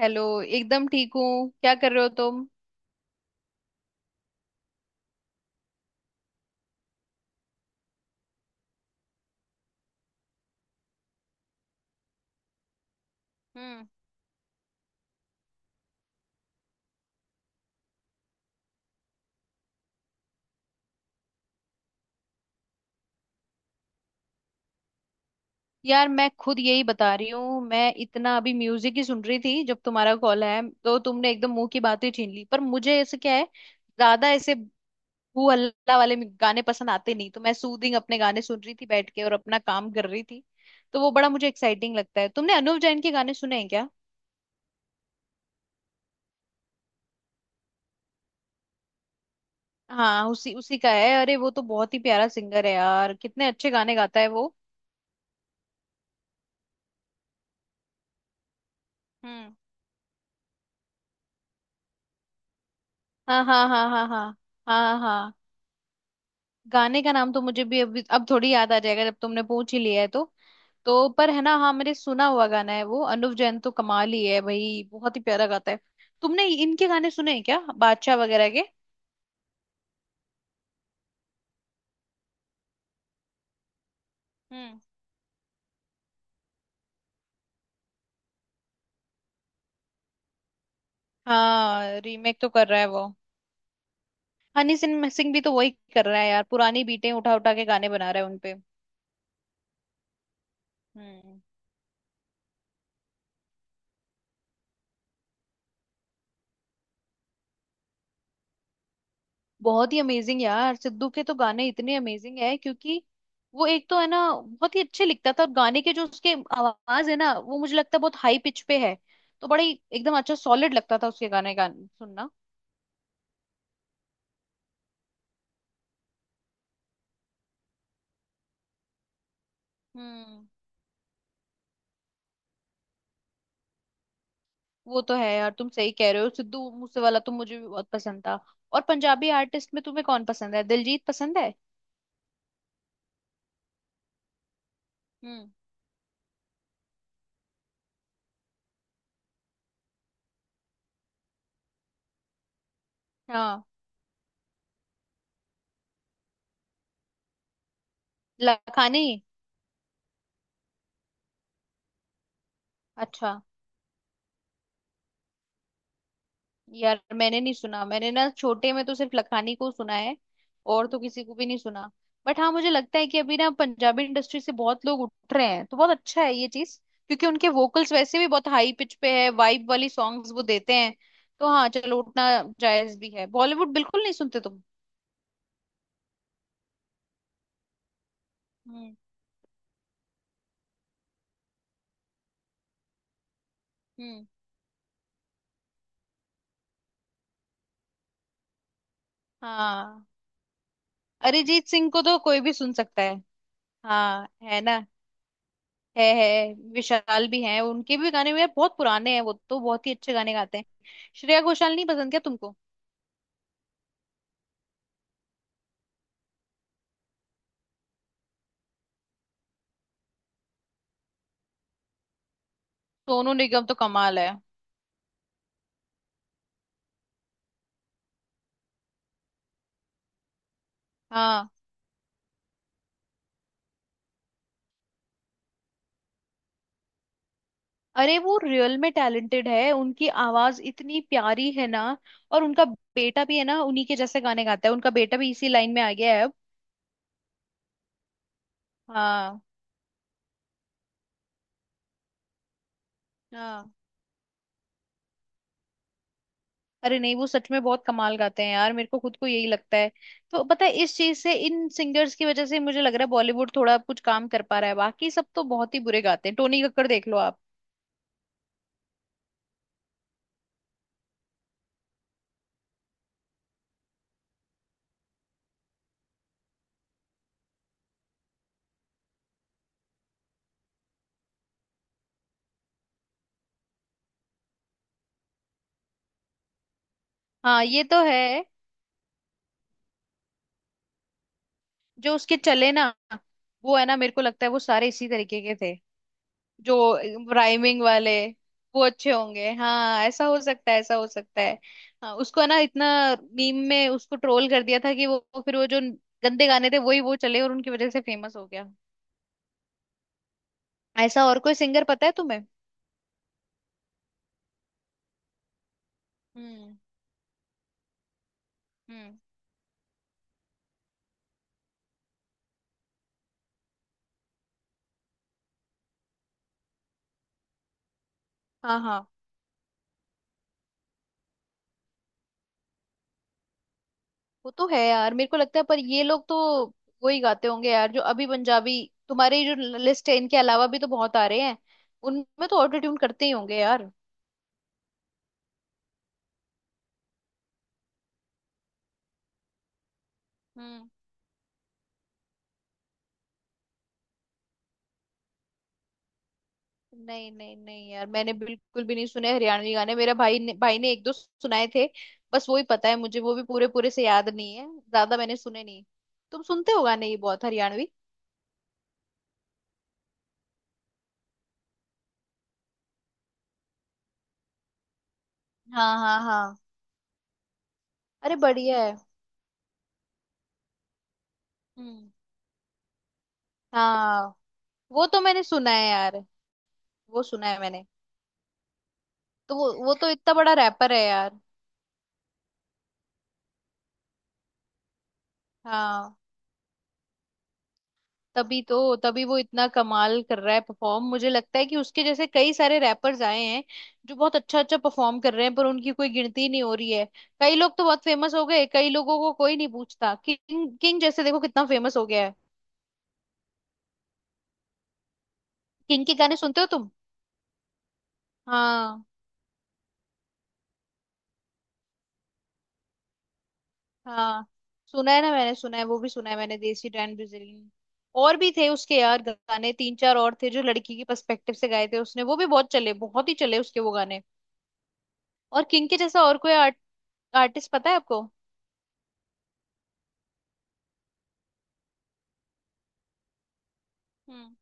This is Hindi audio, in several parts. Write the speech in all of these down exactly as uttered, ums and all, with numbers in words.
हेलो। एकदम ठीक हूँ। क्या कर रहे हो तुम? हम्म। यार, मैं खुद यही बता रही हूँ। मैं इतना अभी म्यूजिक ही सुन रही थी जब तुम्हारा कॉल आया, तो तुमने एकदम मुंह की बात ही छीन ली। पर मुझे ऐसे क्या है, ज्यादा ऐसे हू हल्ला वाले गाने पसंद आते नहीं। तो मैं सूदिंग अपने गाने सुन रही थी बैठ के और अपना काम कर रही थी। तो वो बड़ा मुझे एक्साइटिंग लगता है। तुमने अनुव जैन के गाने सुने हैं क्या? हाँ, उसी उसी का है। अरे, वो तो बहुत ही प्यारा सिंगर है यार। कितने अच्छे गाने गाता है वो। हम्म। हाँ, हाँ, हाँ, हाँ, हाँ। हाँ, हाँ। गाने का नाम तो मुझे भी अभी अब थोड़ी याद आ जाएगा, जब तुमने पूछ ही लिया है तो तो पर है ना। हाँ, मैंने सुना हुआ गाना है वो। अनुव जैन तो कमाल ही है भाई। बहुत ही प्यारा गाता है। तुमने इनके गाने सुने हैं क्या, बादशाह वगैरह के? हम्म। हाँ, रीमेक तो कर रहा है वो। हनी सिंह सिंह भी तो वही कर रहा है यार। पुरानी बीटें उठा उठा के गाने बना रहा है उनपे। हम्म। बहुत ही अमेजिंग यार। सिद्धू के तो गाने इतने अमेजिंग है क्योंकि वो एक तो है ना बहुत ही अच्छे लिखता था। और गाने के जो उसके आवाज है ना, वो मुझे लगता है बहुत हाई पिच पे है। तो बड़ा ही एकदम अच्छा सॉलिड लगता था उसके गाने गान सुनना। हम्म। वो तो है यार। तुम सही कह रहे हो। सिद्धू मूसे वाला तो मुझे भी बहुत पसंद था। और पंजाबी आर्टिस्ट में तुम्हें कौन पसंद है? दिलजीत पसंद है? हम्म। हाँ, लखानी। अच्छा। यार मैंने नहीं सुना, मैंने ना छोटे में तो सिर्फ लखानी को सुना है और तो किसी को भी नहीं सुना। बट हाँ, मुझे लगता है कि अभी ना पंजाबी इंडस्ट्री से बहुत लोग उठ रहे हैं, तो बहुत अच्छा है ये चीज। क्योंकि उनके वोकल्स वैसे भी बहुत हाई पिच पे है, वाइब वाली सॉन्ग्स वो देते हैं। तो हाँ, चलो उठना जायज भी है। बॉलीवुड बिल्कुल नहीं सुनते तुम? हम्म। हम्म। हाँ, अरिजीत सिंह को तो कोई भी सुन सकता है। हाँ, है ना। है है विशाल भी हैं, उनके भी गाने यार बहुत पुराने हैं। वो तो बहुत ही अच्छे गाने गाते हैं। श्रेया घोषाल नहीं पसंद क्या तुमको? सोनू निगम तो कमाल है। हाँ। अरे, वो रियल में टैलेंटेड है, उनकी आवाज इतनी प्यारी है ना। और उनका बेटा भी है ना, उन्हीं के जैसे गाने गाता है। उनका बेटा भी इसी लाइन में आ गया है अब। हाँ, हाँ। अरे नहीं, वो सच में बहुत कमाल गाते हैं यार। मेरे को खुद को यही लगता है। तो पता है, इस चीज से, इन सिंगर्स की वजह से मुझे लग रहा है बॉलीवुड थोड़ा कुछ काम कर पा रहा है। बाकी सब तो बहुत ही बुरे गाते हैं। टोनी कक्कड़ देख लो आप। हाँ, ये तो है। जो उसके चले ना, वो है ना, मेरे को लगता है वो सारे इसी तरीके के थे। जो राइमिंग वाले। वो अच्छे होंगे। हाँ, ऐसा हो सकता है, ऐसा हो सकता है। हाँ, उसको है ना इतना मीम में उसको ट्रोल कर दिया था कि वो वो फिर वो, जो गंदे गाने थे वही वो चले, और उनकी वजह से फेमस हो गया। ऐसा और कोई सिंगर पता है तुम्हें? हम्म। हम्म। हाँ, हाँ। वो तो है यार, मेरे को लगता है। पर ये लोग तो वही गाते होंगे यार जो अभी पंजाबी। तुम्हारी जो लिस्ट है इनके अलावा भी तो बहुत आ रहे हैं। उनमें तो ऑटो ट्यून करते ही होंगे यार। हम्म। नहीं, नहीं, नहीं यार, मैंने बिल्कुल भी नहीं सुने हरियाणवी गाने। मेरा भाई ने भाई ने एक दो सुनाए थे। बस वो ही पता है मुझे, वो भी पूरे पूरे से याद नहीं है। ज्यादा मैंने सुने नहीं। तुम सुनते हो गाने ये बहुत हरियाणवी? हाँ, हाँ, हाँ। अरे बढ़िया है। हम्म। हाँ, वो तो मैंने सुना है यार। वो सुना है मैंने। तो वो वो तो इतना बड़ा रैपर है यार। हाँ, तभी तो, तभी वो इतना कमाल कर रहा है परफॉर्म। मुझे लगता है कि उसके जैसे कई सारे रैपर्स आए हैं जो बहुत अच्छा अच्छा परफॉर्म कर रहे हैं, पर उनकी कोई गिनती ही नहीं हो रही है। कई लोग तो बहुत फेमस हो गए, कई लोगों को कोई नहीं पूछता। किंग, किंग जैसे देखो कितना फेमस हो गया है। किंग के गाने सुनते हो तुम? हाँ, हाँ। सुना है ना, मैंने सुना है। वो भी सुना है मैंने, देसी डैन ब्राजीलियन। और भी थे उसके यार गाने, तीन चार और थे, जो लड़की के पर्सपेक्टिव से गाए थे उसने। वो भी बहुत चले, बहुत ही चले उसके वो गाने। और किंग के जैसा और कोई आर्टिस्ट पता है आपको? हम्म।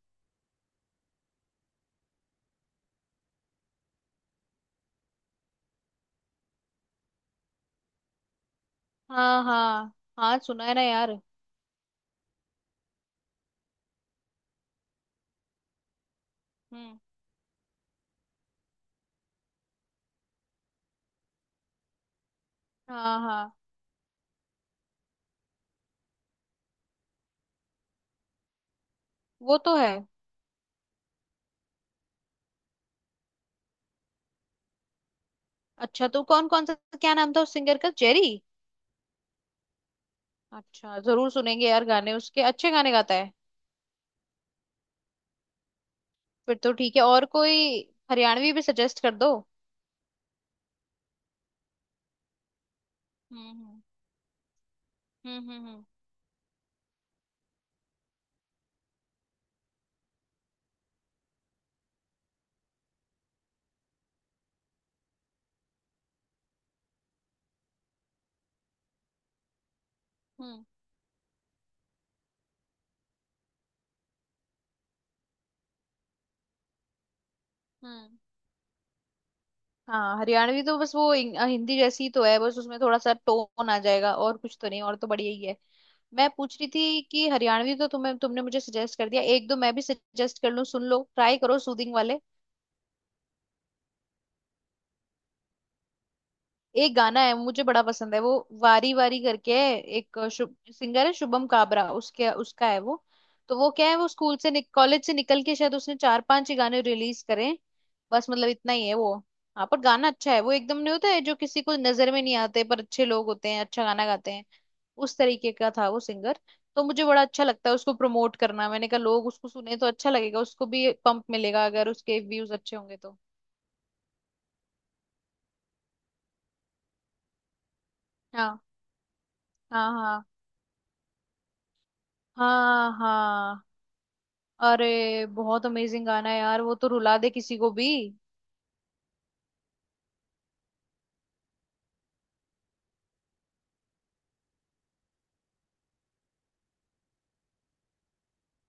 हाँ, हाँ, हाँ सुना है ना यार। हम्म। हाँ, हाँ। वो तो है। अच्छा, तो कौन कौन सा? क्या नाम था उस सिंगर का, जेरी? अच्छा, जरूर सुनेंगे यार गाने उसके, अच्छे गाने गाता है। फिर तो ठीक है। और कोई हरियाणवी भी सजेस्ट कर दो। हम्म। हम्म। हम्म। हम्म। हम्म। हम्म, हम्म। हाँ, हरियाणवी तो बस वो इंग- हिंदी जैसी तो है। बस उसमें थोड़ा सा टोन आ जाएगा और कुछ तो नहीं। और तो बढ़िया ही है। मैं पूछ रही थी कि हरियाणवी तो तुम्हें, तुमने मुझे सजेस्ट कर दिया। एक दो मैं भी सजेस्ट कर लूं, सुन लो, ट्राई करो सूदिंग वाले। एक गाना है, मुझे बड़ा पसंद है वो, वारी वारी करके है, एक सिंगर है शुभम काबरा, उसके उसका है वो। तो वो क्या है, वो स्कूल से, कॉलेज से निकल के शायद उसने चार पांच ही गाने रिलीज करें। बस मतलब इतना ही है वो। हाँ, पर गाना अच्छा है वो एकदम। नहीं होता है जो किसी को नजर में नहीं आते पर अच्छे लोग होते हैं, अच्छा गाना गाते हैं। उस तरीके का था वो सिंगर। तो मुझे बड़ा अच्छा लगता है उसको प्रमोट करना। मैंने कहा, लोग उसको सुने तो अच्छा लगेगा, उसको भी पंप मिलेगा अगर उसके व्यूज अच्छे होंगे तो। हाँ, हाँ, हाँ, हाँ, हाँ। अरे बहुत अमेजिंग गाना है यार, वो तो रुला दे किसी को भी।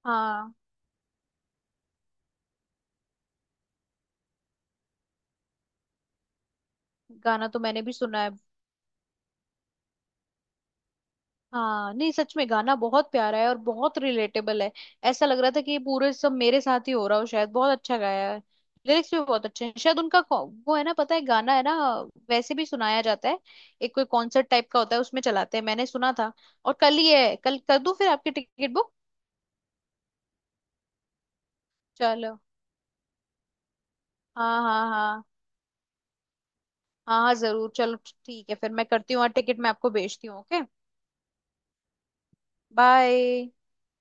हाँ, गाना तो मैंने भी सुना है। हाँ, नहीं सच में, गाना बहुत प्यारा है और बहुत रिलेटेबल है। ऐसा लग रहा था कि ये पूरे सब मेरे साथ ही हो रहा हो शायद। बहुत अच्छा गाया है। लिरिक्स भी बहुत अच्छे हैं शायद, उनका को- वो है ना, पता है, गाना है ना वैसे भी सुनाया जाता है। एक कोई कॉन्सर्ट टाइप का होता है उसमें चलाते हैं, मैंने सुना था। और कल ही है, कल कर दूं फिर आपकी टिकट बुक। चलो। हाँ, हाँ, हाँ, हाँ, हाँ जरूर। चलो। ठीक है, फिर मैं करती हूँ और टिकट मैं आपको भेजती हूँ, ओके, बाय।